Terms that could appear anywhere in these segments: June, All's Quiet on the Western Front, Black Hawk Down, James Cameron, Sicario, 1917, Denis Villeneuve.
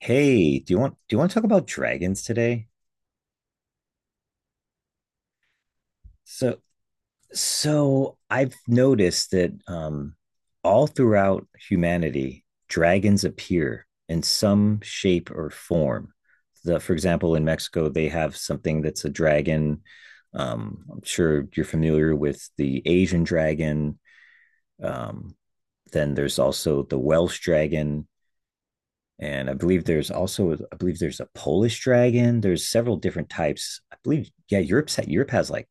Hey, do you want to talk about dragons today? So so I've noticed that all throughout humanity, dragons appear in some shape or form. For example, in Mexico, they have something that's a dragon. I'm sure you're familiar with the Asian dragon. Um, then there's also the Welsh dragon. And I believe there's also, I believe there's a Polish dragon. There's several different types. I believe, yeah, Europe has like,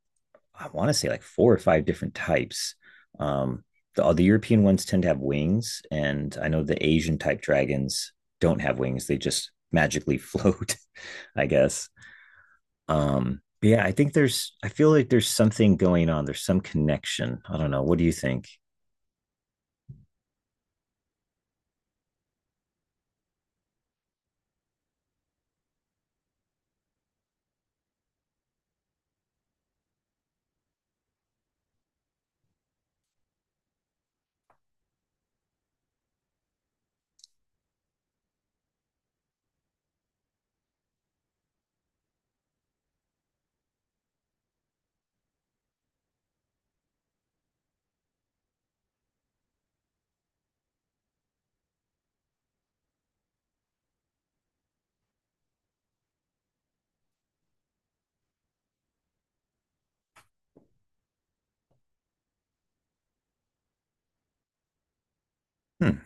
I want to say like four or five different types. Um, the European ones tend to have wings, and I know the Asian type dragons don't have wings. They just magically float, I guess. But yeah, I feel like there's something going on. There's some connection. I don't know. What do you think? Hmm.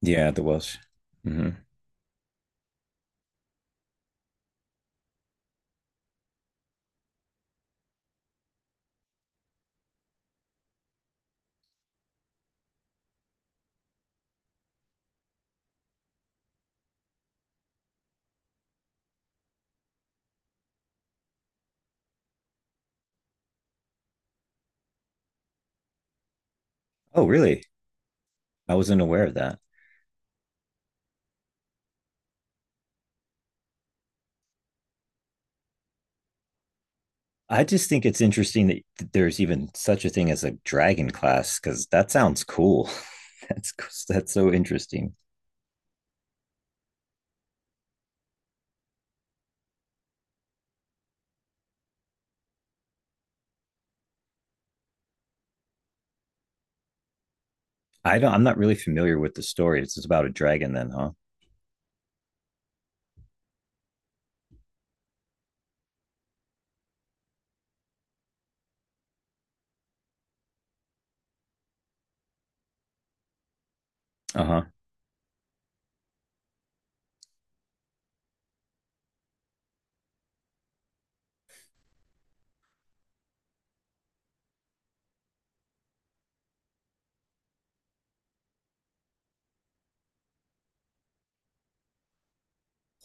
Yeah, the Welsh. Hmm. Oh, really? I wasn't aware of that. I just think it's interesting that there's even such a thing as a dragon class because that sounds cool. That's that's so interesting. I don't. I'm not really familiar with the story. It's about a dragon, then, huh? Uh huh.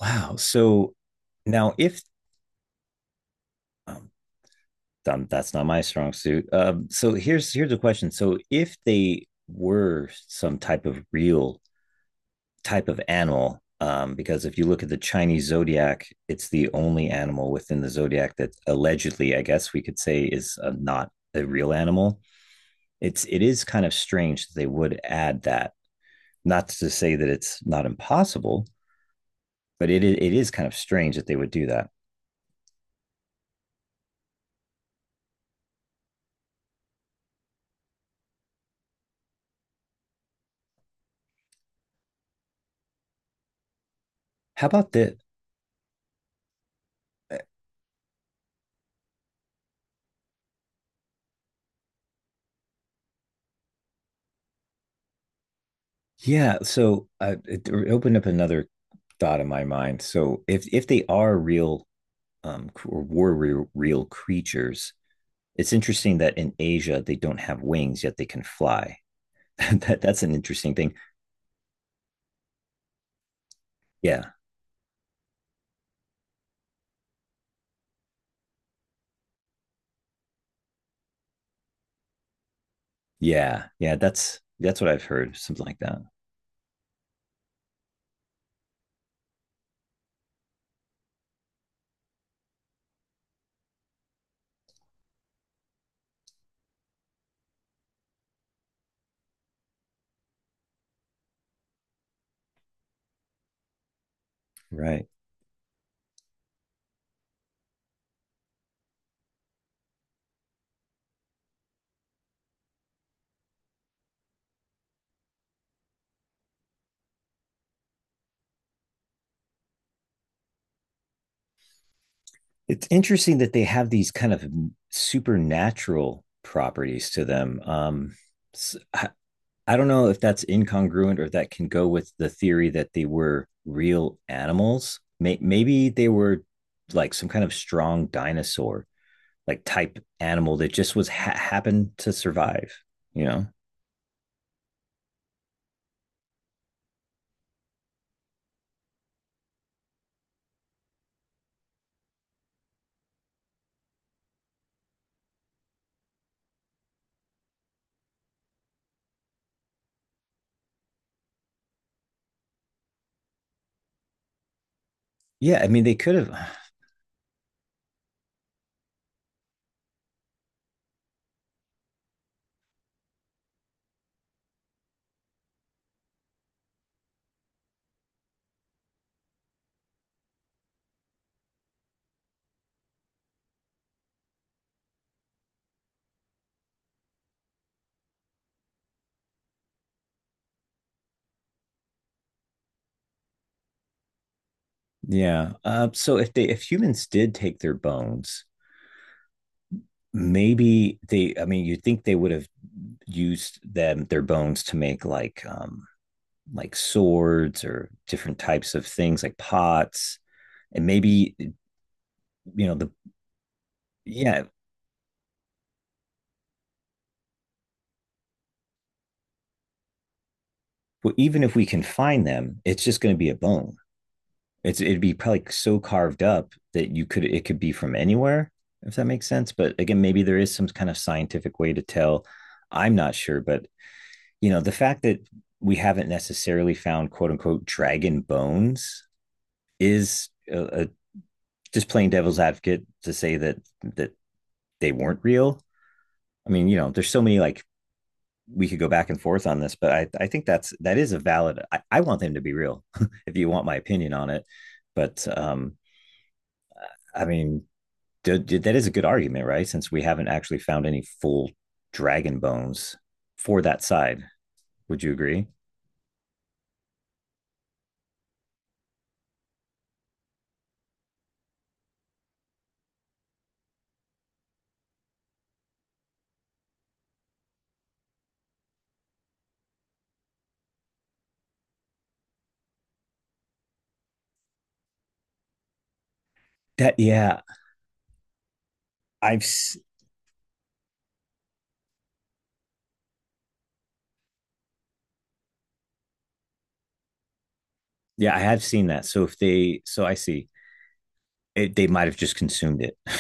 Wow. So now, if um, that's not my strong suit. So here's a question. So if they were some type of real type of animal because if you look at the Chinese zodiac, it's the only animal within the zodiac that allegedly, I guess we could say, is not a real animal. It is kind of strange that they would add that. Not to say that it's not impossible, but it is kind of strange that they would do that. How about the? uh, Yeah, so it opened up another thought in my mind. So if they are real or were real, real creatures, it's interesting that in Asia they don't have wings yet they can fly. That's an interesting thing. Yeah. Yeah. Yeah, that's what I've heard, something like that. Right. It's interesting that they have these kind of supernatural properties to them. I I, I don't know if that's incongruent or if that can go with the theory that they were real animals. Maybe they were like some kind of strong dinosaur like type animal that just happened to survive, you know. Yeah, I mean they could have. Yeah. So if humans did take their bones, maybe they. I mean, you'd think they would have used them their bones to make like swords or different types of things like pots, and maybe you know the yeah. Well, even if we can find them, it's just going to be a bone. It'd be probably like, so carved up that you could it could be from anywhere if that makes sense. But again, maybe there is some kind of scientific way to tell. I'm not sure, but you know, the fact that we haven't necessarily found quote unquote dragon bones is just playing devil's advocate to say that that they weren't real. I mean, you know, there's so many like we could go back and forth on this, but I think that is a valid. I want them to be real, if you want my opinion on it. But I mean, that is a good argument, right? Since we haven't actually found any full dragon bones for that side, would you agree? That yeah, I've yeah, I have seen that. So if they, so I see it, they might have just consumed it.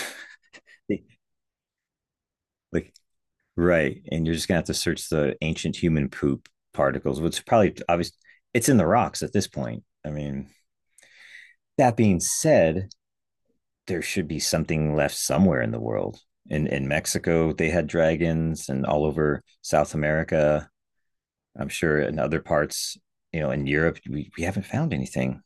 They- like, right. And you're just gonna have to search the ancient human poop particles, which probably obvious. It's in the rocks at this point. I mean, that being said, there should be something left somewhere in the world. In Mexico, they had dragons, and all over South America, I'm sure in other parts, you know, in Europe, we haven't found anything.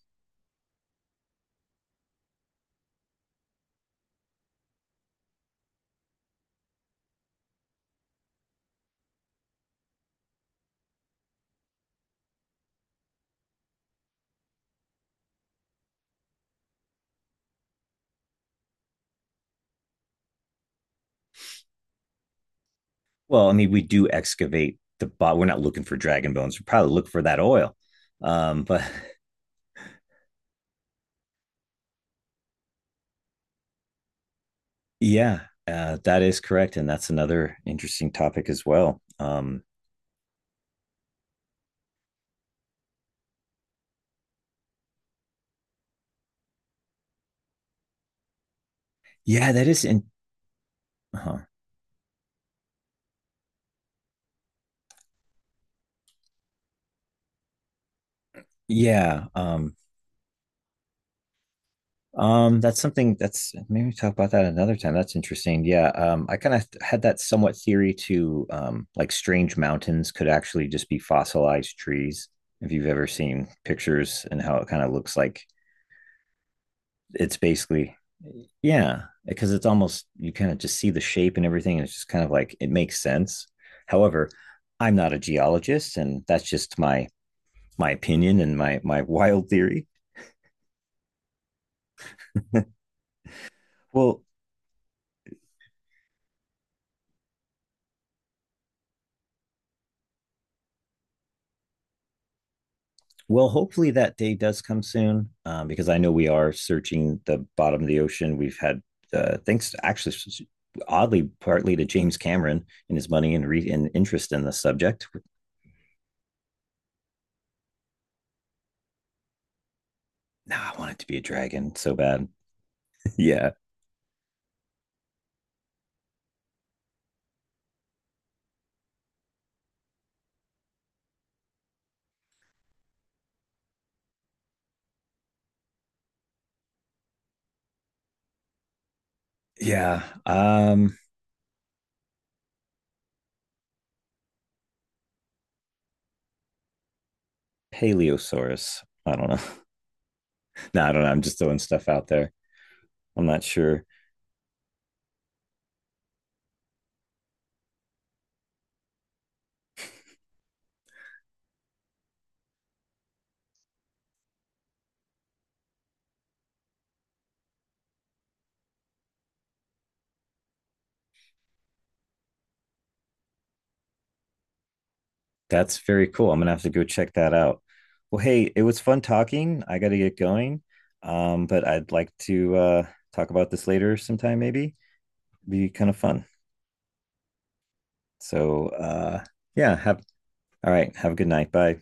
Well, I mean, we do excavate the bot. We're not looking for dragon bones. We probably look for that oil. But yeah, that is correct, and that's another interesting topic as well. Yeah, that is in. Huh. Yeah, that's something that's maybe we talk about that another time. That's interesting. Yeah, I kind of had that somewhat theory to, like strange mountains could actually just be fossilized trees. If you've ever seen pictures and how it kind of looks like it's basically yeah, because it's almost you kind of just see the shape and everything, and it's just kind of like it makes sense. However, I'm not a geologist, and that's just my opinion and my wild theory. Well, well, hopefully that day does come soon, because I know we are searching the bottom of the ocean. We've had thanks actually oddly partly to James Cameron and his money and and interest in the subject. Now I want it to be a dragon so bad. yeah, yeah. Paleosaurus. I don't know. No, I don't know. I'm just throwing stuff out there. I'm not sure. That's very cool. I'm gonna have to go check that out. Well, hey, it was fun talking. I got to get going, but I'd like to talk about this later sometime. Maybe it'd be kind of fun. So yeah, have all right. Have a good night. Bye.